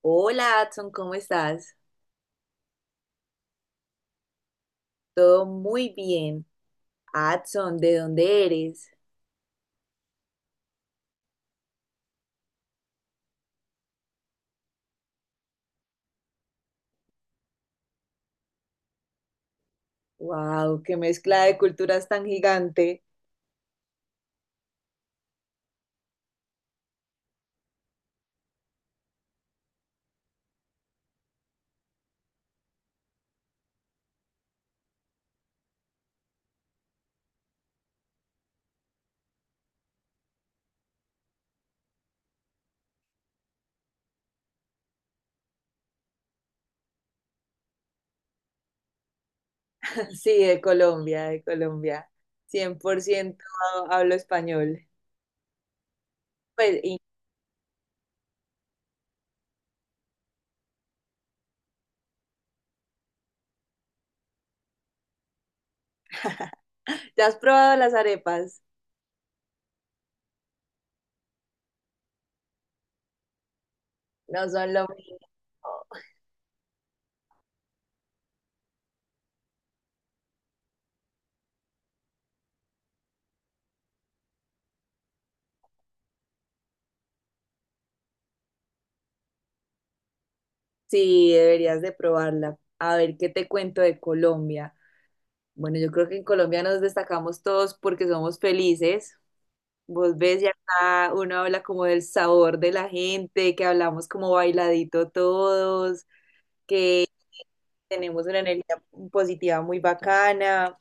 Hola, Adson, ¿cómo estás? Todo muy bien. Adson, ¿de dónde eres? Wow, qué mezcla de culturas tan gigante. Sí, de Colombia, de Colombia. 100% hablo español. Pues, y- ¿Ya has probado las arepas? No son lo mismo. Sí, deberías de probarla. A ver, ¿qué te cuento de Colombia? Bueno, yo creo que en Colombia nos destacamos todos porque somos felices. Vos ves, ya acá uno habla como del sabor de la gente, que hablamos como bailadito todos, tenemos una energía positiva muy bacana.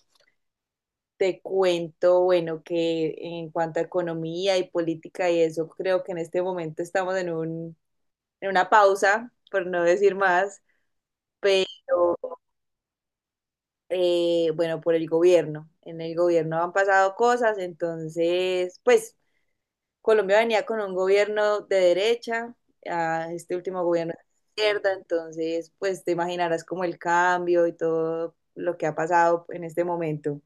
Te cuento, bueno, que en cuanto a economía y política y eso, creo que en este momento estamos en una pausa, por no decir más, pero, bueno, por el gobierno. En el gobierno han pasado cosas, entonces, pues Colombia venía con un gobierno de derecha, a este último gobierno de izquierda, entonces pues te imaginarás como el cambio y todo lo que ha pasado en este momento.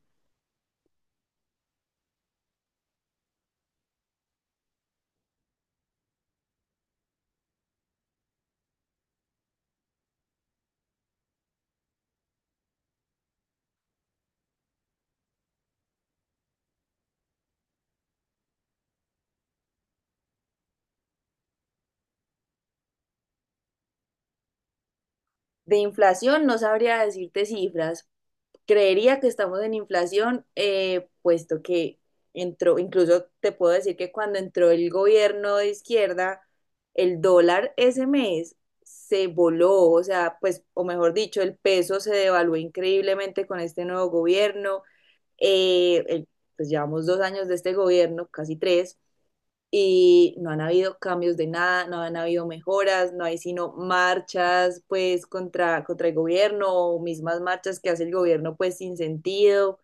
De inflación no sabría decirte cifras, creería que estamos en inflación, puesto que entró, incluso te puedo decir que cuando entró el gobierno de izquierda, el dólar ese mes se voló, o sea, pues, o mejor dicho, el peso se devaluó increíblemente con este nuevo gobierno. Eh, el- pues llevamos 2 años de este gobierno, casi tres, y no han habido cambios de nada, no han habido mejoras, no hay sino marchas pues contra el gobierno o mismas marchas que hace el gobierno pues sin sentido.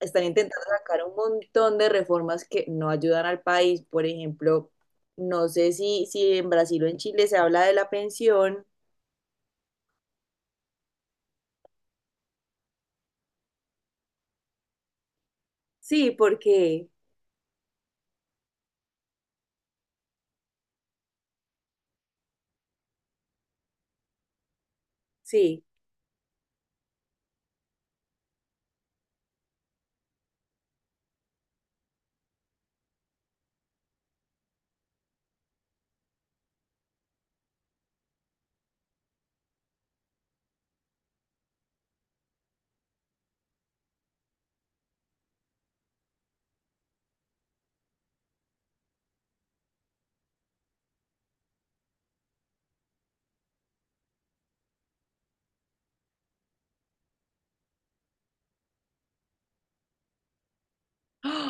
Están intentando sacar un montón de reformas que no ayudan al país. Por ejemplo, no sé si en Brasil o en Chile se habla de la pensión. Sí, porque sí.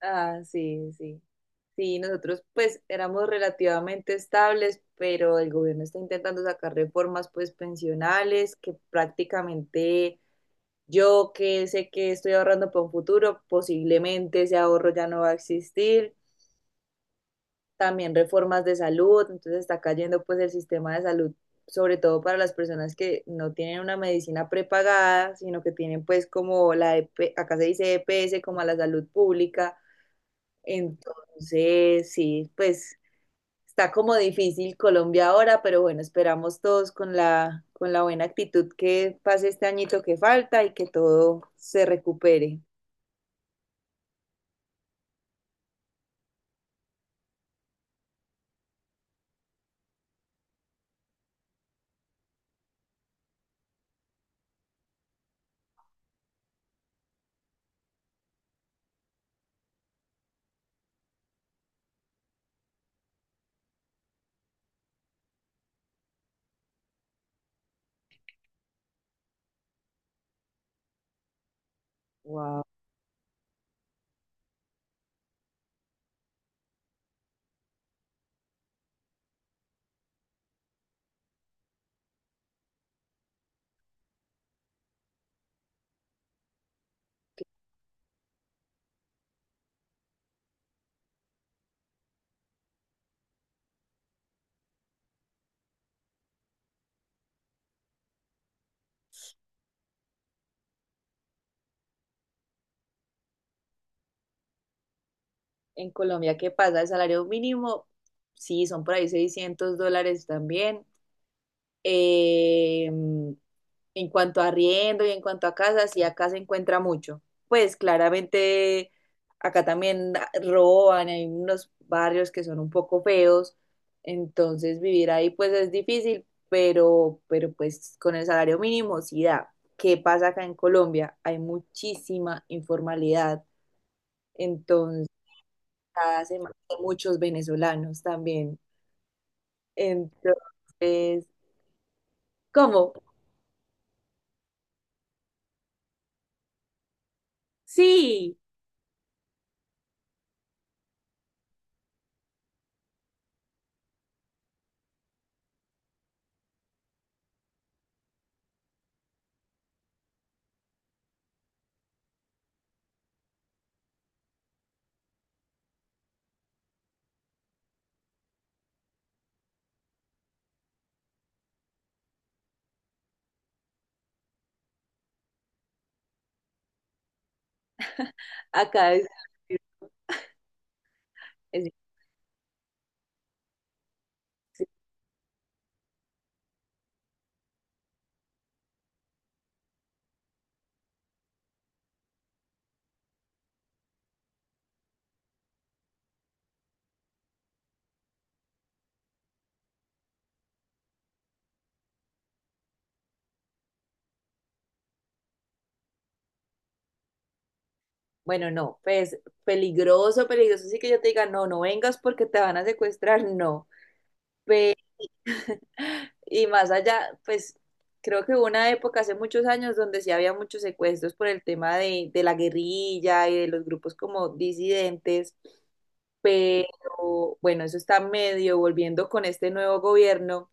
Ah, ah, sí, sí. Sí, nosotros pues éramos relativamente estables, pero el gobierno está intentando sacar reformas pues pensionales que prácticamente yo que sé que estoy ahorrando para un futuro, posiblemente ese ahorro ya no va a existir. También reformas de salud, entonces está cayendo pues el sistema de salud, sobre todo para las personas que no tienen una medicina prepagada, sino que tienen pues como la, EP acá se dice EPS, como a la salud pública. Entonces, sí, pues está como difícil Colombia ahora, pero bueno, esperamos todos con la buena actitud que pase este añito que falta y que todo se recupere. Wow. En Colombia, ¿qué pasa? El salario mínimo, sí, son por ahí 600 dólares también. Eh, en cuanto a arriendo y en cuanto a casas, y acá se encuentra mucho. Pues claramente acá también roban, hay unos barrios que son un poco feos, entonces vivir ahí pues es difícil, pero pues con el salario mínimo sí da. ¿Qué pasa acá en Colombia? Hay muchísima informalidad, entonces cada semana hay muchos venezolanos también. Entonces, ¿cómo? Sí. Acá es difícil. Bueno, no, pues peligroso, peligroso. Sí que yo te diga, no, no vengas porque te van a secuestrar, no. Pe- y más allá, pues creo que hubo una época hace muchos años donde sí había muchos secuestros por el tema de la guerrilla y de los grupos como disidentes, pero bueno, eso está medio volviendo con este nuevo gobierno.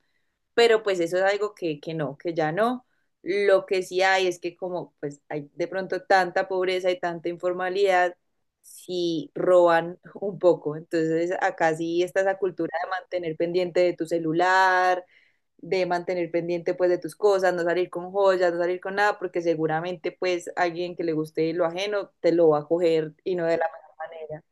Pero pues eso es algo que no, que ya no. Lo que sí hay es que como pues hay de pronto tanta pobreza y tanta informalidad, si roban un poco. Entonces, acá sí está esa cultura de mantener pendiente de tu celular, de mantener pendiente pues de tus cosas, no salir con joyas, no salir con nada, porque seguramente pues alguien que le guste lo ajeno te lo va a coger y no de la mejor manera.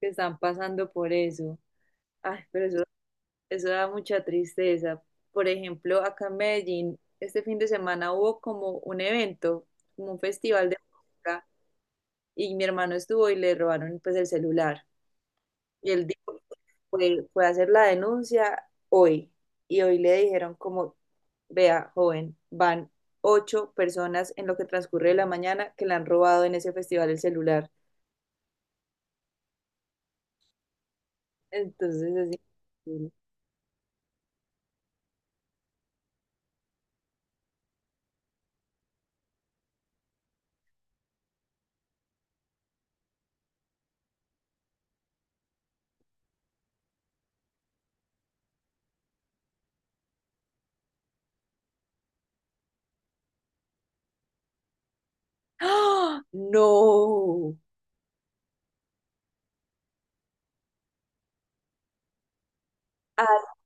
Que están pasando por eso. Ay, pero eso da mucha tristeza. Por ejemplo, acá en Medellín, este fin de semana hubo como un evento, como un festival de música, y mi hermano estuvo y le robaron pues el celular. Y él dijo, fue a hacer la denuncia hoy. Y hoy le dijeron como, vea, joven, van 8 personas en lo que transcurre de la mañana que le han robado en ese festival el celular. Entonces, así. ¡Ah! ¡No! ¡Ay,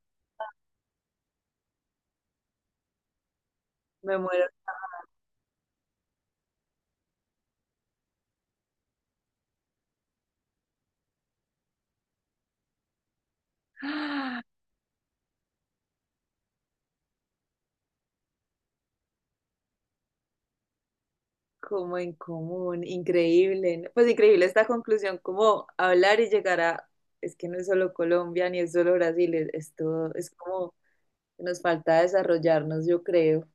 me muero! Como en común, increíble, ¿no? Pues increíble esta conclusión, como hablar y llegar a, es que no es solo Colombia ni es solo Brasil, es todo, es como que nos falta desarrollarnos, yo creo.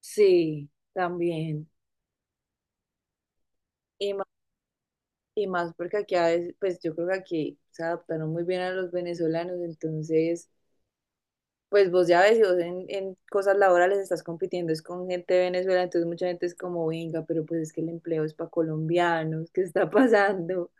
Sí, también. Y más, y más porque aquí a veces, pues yo creo que aquí se adaptaron muy bien a los venezolanos, entonces, pues vos ya ves, si vos en cosas laborales estás compitiendo, es con gente de Venezuela, entonces mucha gente es como, venga, pero pues es que el empleo es para colombianos, ¿qué está pasando?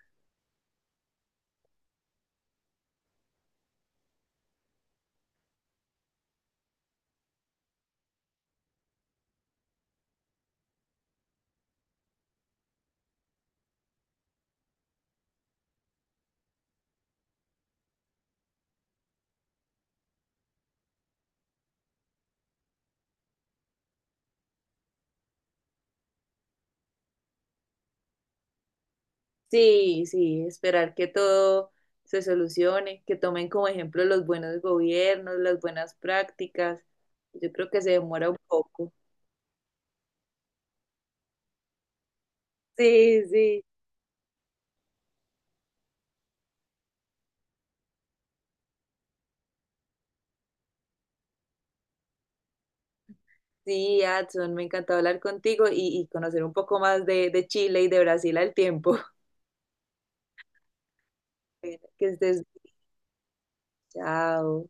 Sí, sí, esperar que todo se solucione, que tomen como ejemplo los buenos gobiernos, las buenas prácticas. Yo creo que se demora un poco. Sí, sí. Sí, Adson, me encantó hablar contigo y conocer un poco más de Chile y de Brasil al tiempo. Que estés bien. Chao.